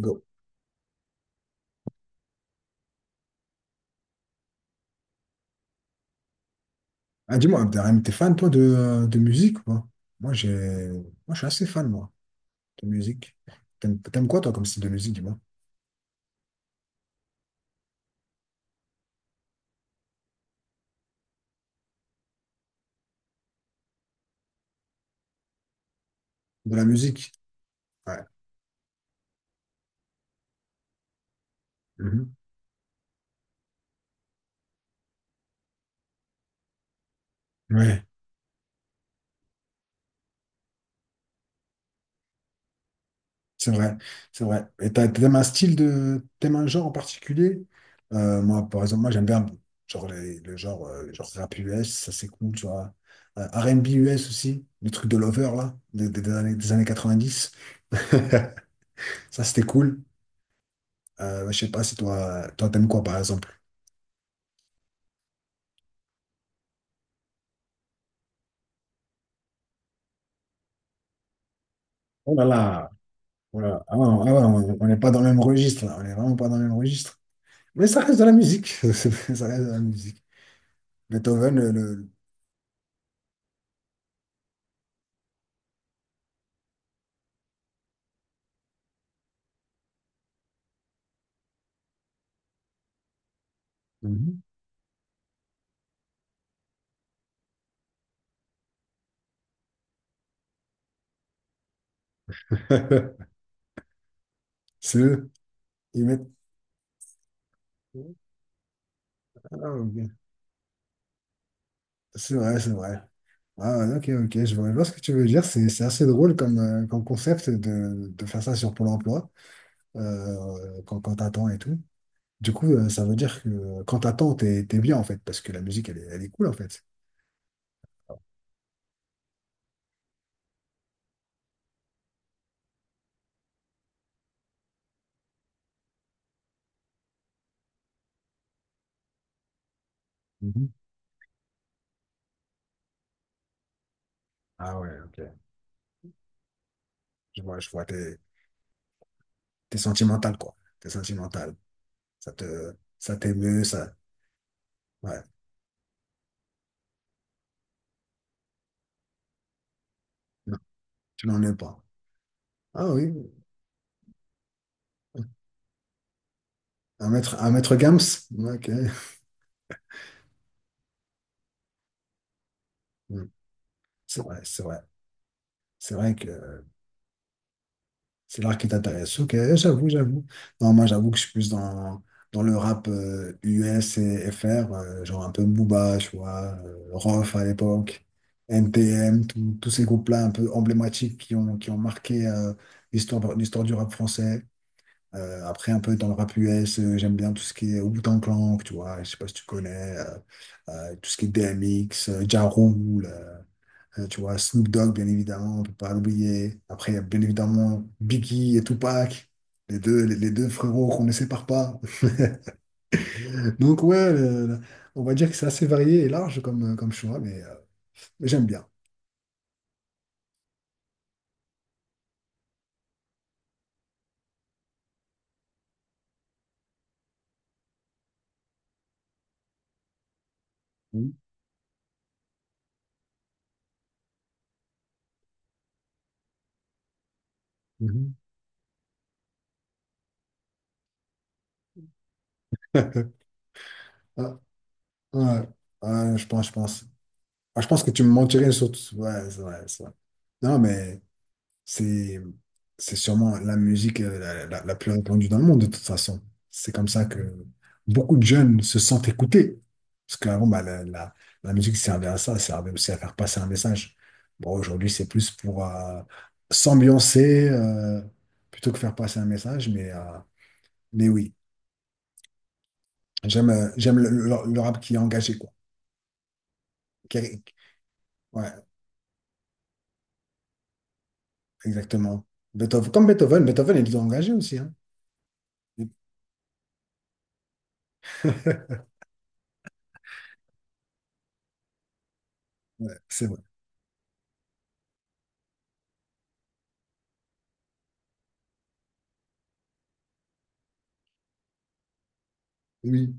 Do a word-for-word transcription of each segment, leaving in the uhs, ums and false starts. Go. Ah, dis-moi, Abderrahim, t'es fan, toi, de, euh, de musique, ou pas? Moi, j'ai... Moi, je suis assez fan, moi, de musique. T'aimes t'aimes quoi, toi, comme style de musique, dis-moi? De la musique? Ouais. Mhm. Ouais, c'est vrai, c'est vrai. Et t'as- t'aimes un style de... t'aimes un genre en particulier? Euh, moi, par exemple, moi, j'aime bien, genre, les- le genre, euh, genre rap U S, ça, c'est cool, tu vois. Euh, R et B U S aussi, le truc de Lover, là, des, des- des années, des années quatre-vingt-dix. Ça, c'était cool. Euh, je sais pas si toi, toi, t'aimes quoi, par exemple? Oh là là. Voilà. Ah ouais, ah ouais, on on n'est pas dans le même registre, là. On n'est vraiment pas dans le même registre. Mais ça reste de la musique. Ça reste de la musique. Beethoven, le... le- Mhm. C'est eux. Ils mettent... Ah, OK. C'est vrai, c'est vrai. Ah, OK, OK. Je vois, je vois ce que tu veux dire. C'est c'est assez drôle comme, euh, comme concept de, de faire ça sur Pôle emploi euh, quand, quand t'attends et tout. Du coup, euh, ça veut dire que quand t'attends, t'es, t'es bien, en fait, parce que la musique, elle est, elle est cool, en fait. Mhm. Ah ouais, OK. Je vois, je vois. T'es- T'es sentimental, quoi. T'es sentimental. Ça te, ça t'émeut, ça. Ouais. Non, tu n'en es pas. Ah oui. Un maître, un maître Gams? OK. Hmm. C'est vrai, c'est vrai. C'est vrai que c'est l'art qui t'intéresse. OK, j'avoue, j'avoue. Non, moi, j'avoue que je suis plus dans, dans le rap euh, U S et F R, euh, genre un peu Booba, tu vois, euh, Rof à l'époque, N T M, tout- tous ces groupes-là un peu emblématiques qui ont, qui ont marqué euh, l'histoire, l'histoire du rap français. Euh, après, un peu dans le rap U S, euh, j'aime bien tout ce qui est Wu-Tang Clan, tu vois, je sais pas si tu connais, euh, euh, tout ce qui est D M X, euh, Ja Rule, euh, euh, tu vois, Snoop Dogg, bien évidemment, on peut pas l'oublier. Après, il y a bien évidemment Biggie et Tupac, les deux, les, les deux frérots qu'on ne sépare pas. Donc, ouais, le- le- on va dire que c'est assez varié et large comme, euh, comme choix, mais, euh, mais j'aime bien. Mhm. Mhm. Ah, ouais, ouais, je pense, je pense. Ah, je pense que tu me mentirais sur tout. Ouais, c'est vrai, c'est vrai. Non, mais. C'est, c'est sûrement la musique euh, la, la- la plus répandue dans le monde, de toute façon. C'est comme ça que beaucoup de jeunes se sentent écoutés. Parce qu'avant, bah, la, la, la musique servait à ça, servait aussi à faire passer un message. Bon, aujourd'hui, c'est plus pour euh, s'ambiancer euh, plutôt que faire passer un message. Mais, euh, mais oui, j'aime euh, j'aime le, le- le rap qui est engagé, quoi. Qui est- Ouais, exactement. Beethoven, comme Beethoven, Beethoven, il est engagé aussi, hein. Ouais, c'est vrai. Oui.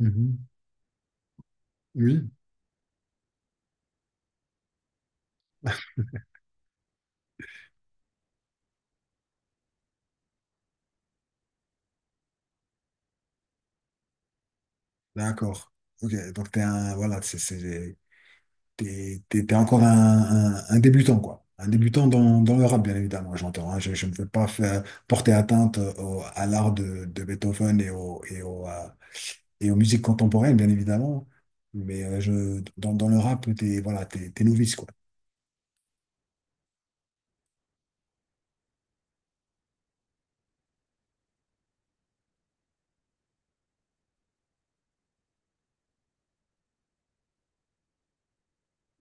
Mhm. Oui, d'accord. OK, donc t'es un, voilà, c'est, c'est, t'es, t'es, t'es encore un, un, un débutant, quoi. Un débutant dans, dans le rap, bien évidemment, j'entends. Hein. Je, je ne veux pas faire, porter atteinte au- à l'art de, de Beethoven et, au, et, au, euh, et aux musiques contemporaines, bien évidemment. Mais euh, je, dans, dans le rap, t'es, voilà, t'es, t'es novice, quoi.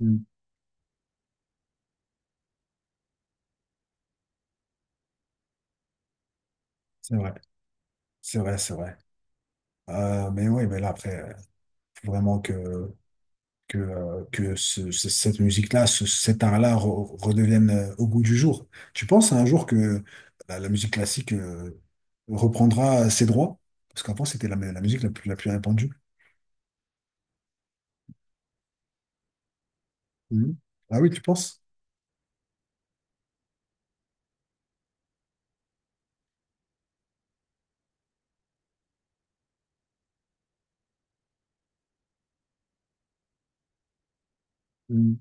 Mm. C'est vrai, c'est vrai, c'est vrai. Euh, mais oui, mais là, après, euh, faut vraiment que, que, euh, que ce- ce- cette musique-là, ce- cet art-là re- redevienne euh, au goût du jour. Tu penses un jour que la, la musique classique euh, reprendra ses droits? Parce qu'avant, c'était la, la musique la plus, la plus répandue. Mhm. Ah oui, tu penses? Mhm.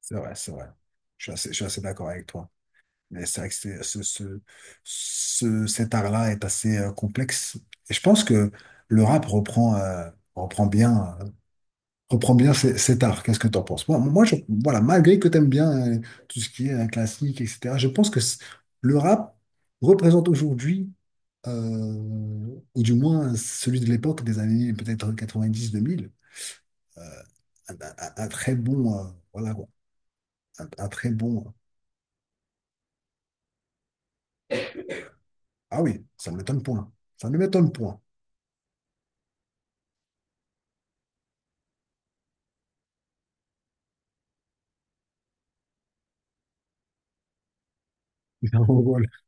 C'est vrai, c'est vrai. Je suis assez, je suis assez d'accord avec toi. Mais c'est vrai que c'est- ce, ce, ce- cet art-là est assez euh, complexe. Et je pense que le rap reprend, euh, reprend bien, euh, reprend bien ce- cet art. Qu'est-ce que tu en penses? Moi, moi je, voilà, malgré que tu aimes bien euh, tout ce qui est euh, classique, et cetera, je pense que c- le rap représente aujourd'hui, euh, ou du moins celui de l'époque des années peut-être quatre-vingt-dix-deux mille, un, un- un très bon, euh, voilà, quoi. un, un très bon. Ah oui, ça ne m'étonne point. Ça ne m'étonne point.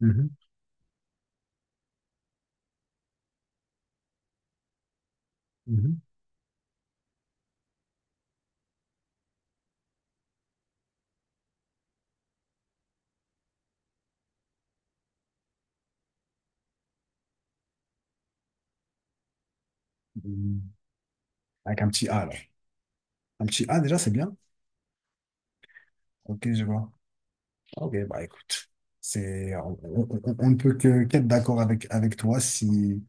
Mhm, mhm. Mhm. Avec un petit A, alors. Un petit A, déjà, c'est bien. OK, je vois. OK, bah écoute, c'est, on, on- on- on ne peut que qu'être d'accord avec, avec toi si.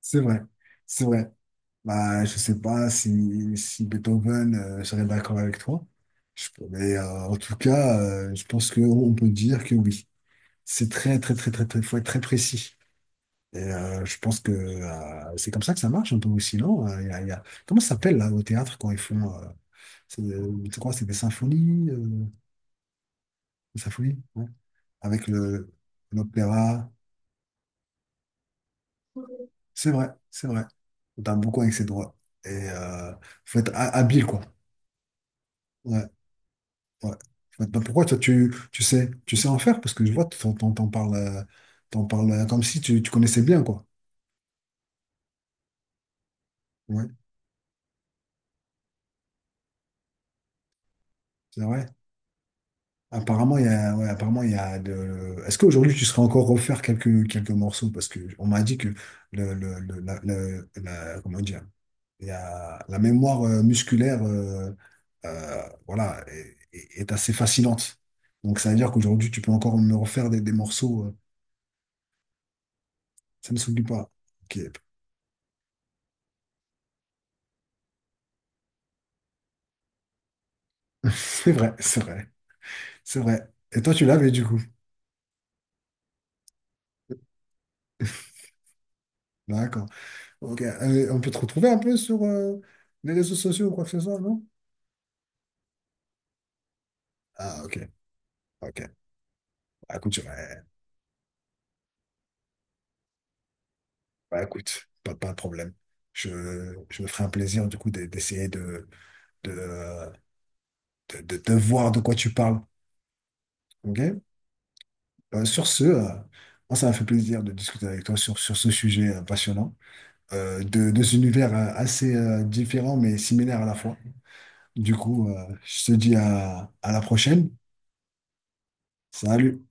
C'est vrai, c'est vrai. Bah, je sais pas si, si Beethoven euh, serait d'accord avec toi. Je- mais euh, en tout cas, euh, je pense qu'on peut dire que oui. C'est très, très, très, très, très, faut être très précis. Et euh, je pense que euh, c'est comme ça que ça marche un peu aussi, non? Euh, il y a- il y a- Comment ça s'appelle là au théâtre quand ils font. euh, C'est, euh, je crois que c'est des symphonies, euh, des symphonies, ouais, avec le, l'opéra. C'est vrai, c'est vrai. On tape beaucoup avec ses droits. Et euh, faut être ha- habile, quoi. Ouais, ouais. Faut être- bah, pourquoi toi, tu, tu sais, tu sais en faire? Parce que je vois, t'en, t'en, t'en parles, euh, t'en parles euh, comme si tu, tu connaissais bien, quoi. Ouais, c'est vrai. Apparemment, il y a, ouais, apparemment, il y a de... Est-ce qu'aujourd'hui, tu serais encore refaire quelques, quelques morceaux? Parce que on m'a dit que le, le, le- la, la- la- comment dire? Il y a- la mémoire euh, musculaire euh, euh, voilà, est, est- est assez fascinante. Donc ça veut dire qu'aujourd'hui, tu peux encore me refaire des, des morceaux, euh, ça ne s'oublie pas. OK. C'est vrai, c'est vrai, c'est vrai. Et toi, tu l'avais du coup. D'accord. OK. Euh, on peut te retrouver un peu sur euh, les réseaux sociaux ou quoi que ce soit, non? Ah, OK, OK. Bah, écoute, je- ouais. Bah, écoute, pas, pas de problème. Je, je me ferai un plaisir du coup de- d'essayer de, de, de, de, de voir de quoi tu parles. OK? Euh, sur ce, euh, moi, ça m'a fait plaisir de discuter avec toi sur, sur ce sujet euh, passionnant, euh, de, deux univers euh, assez euh, différent mais similaires à la fois. Du coup, euh, je te dis à à la prochaine. Salut!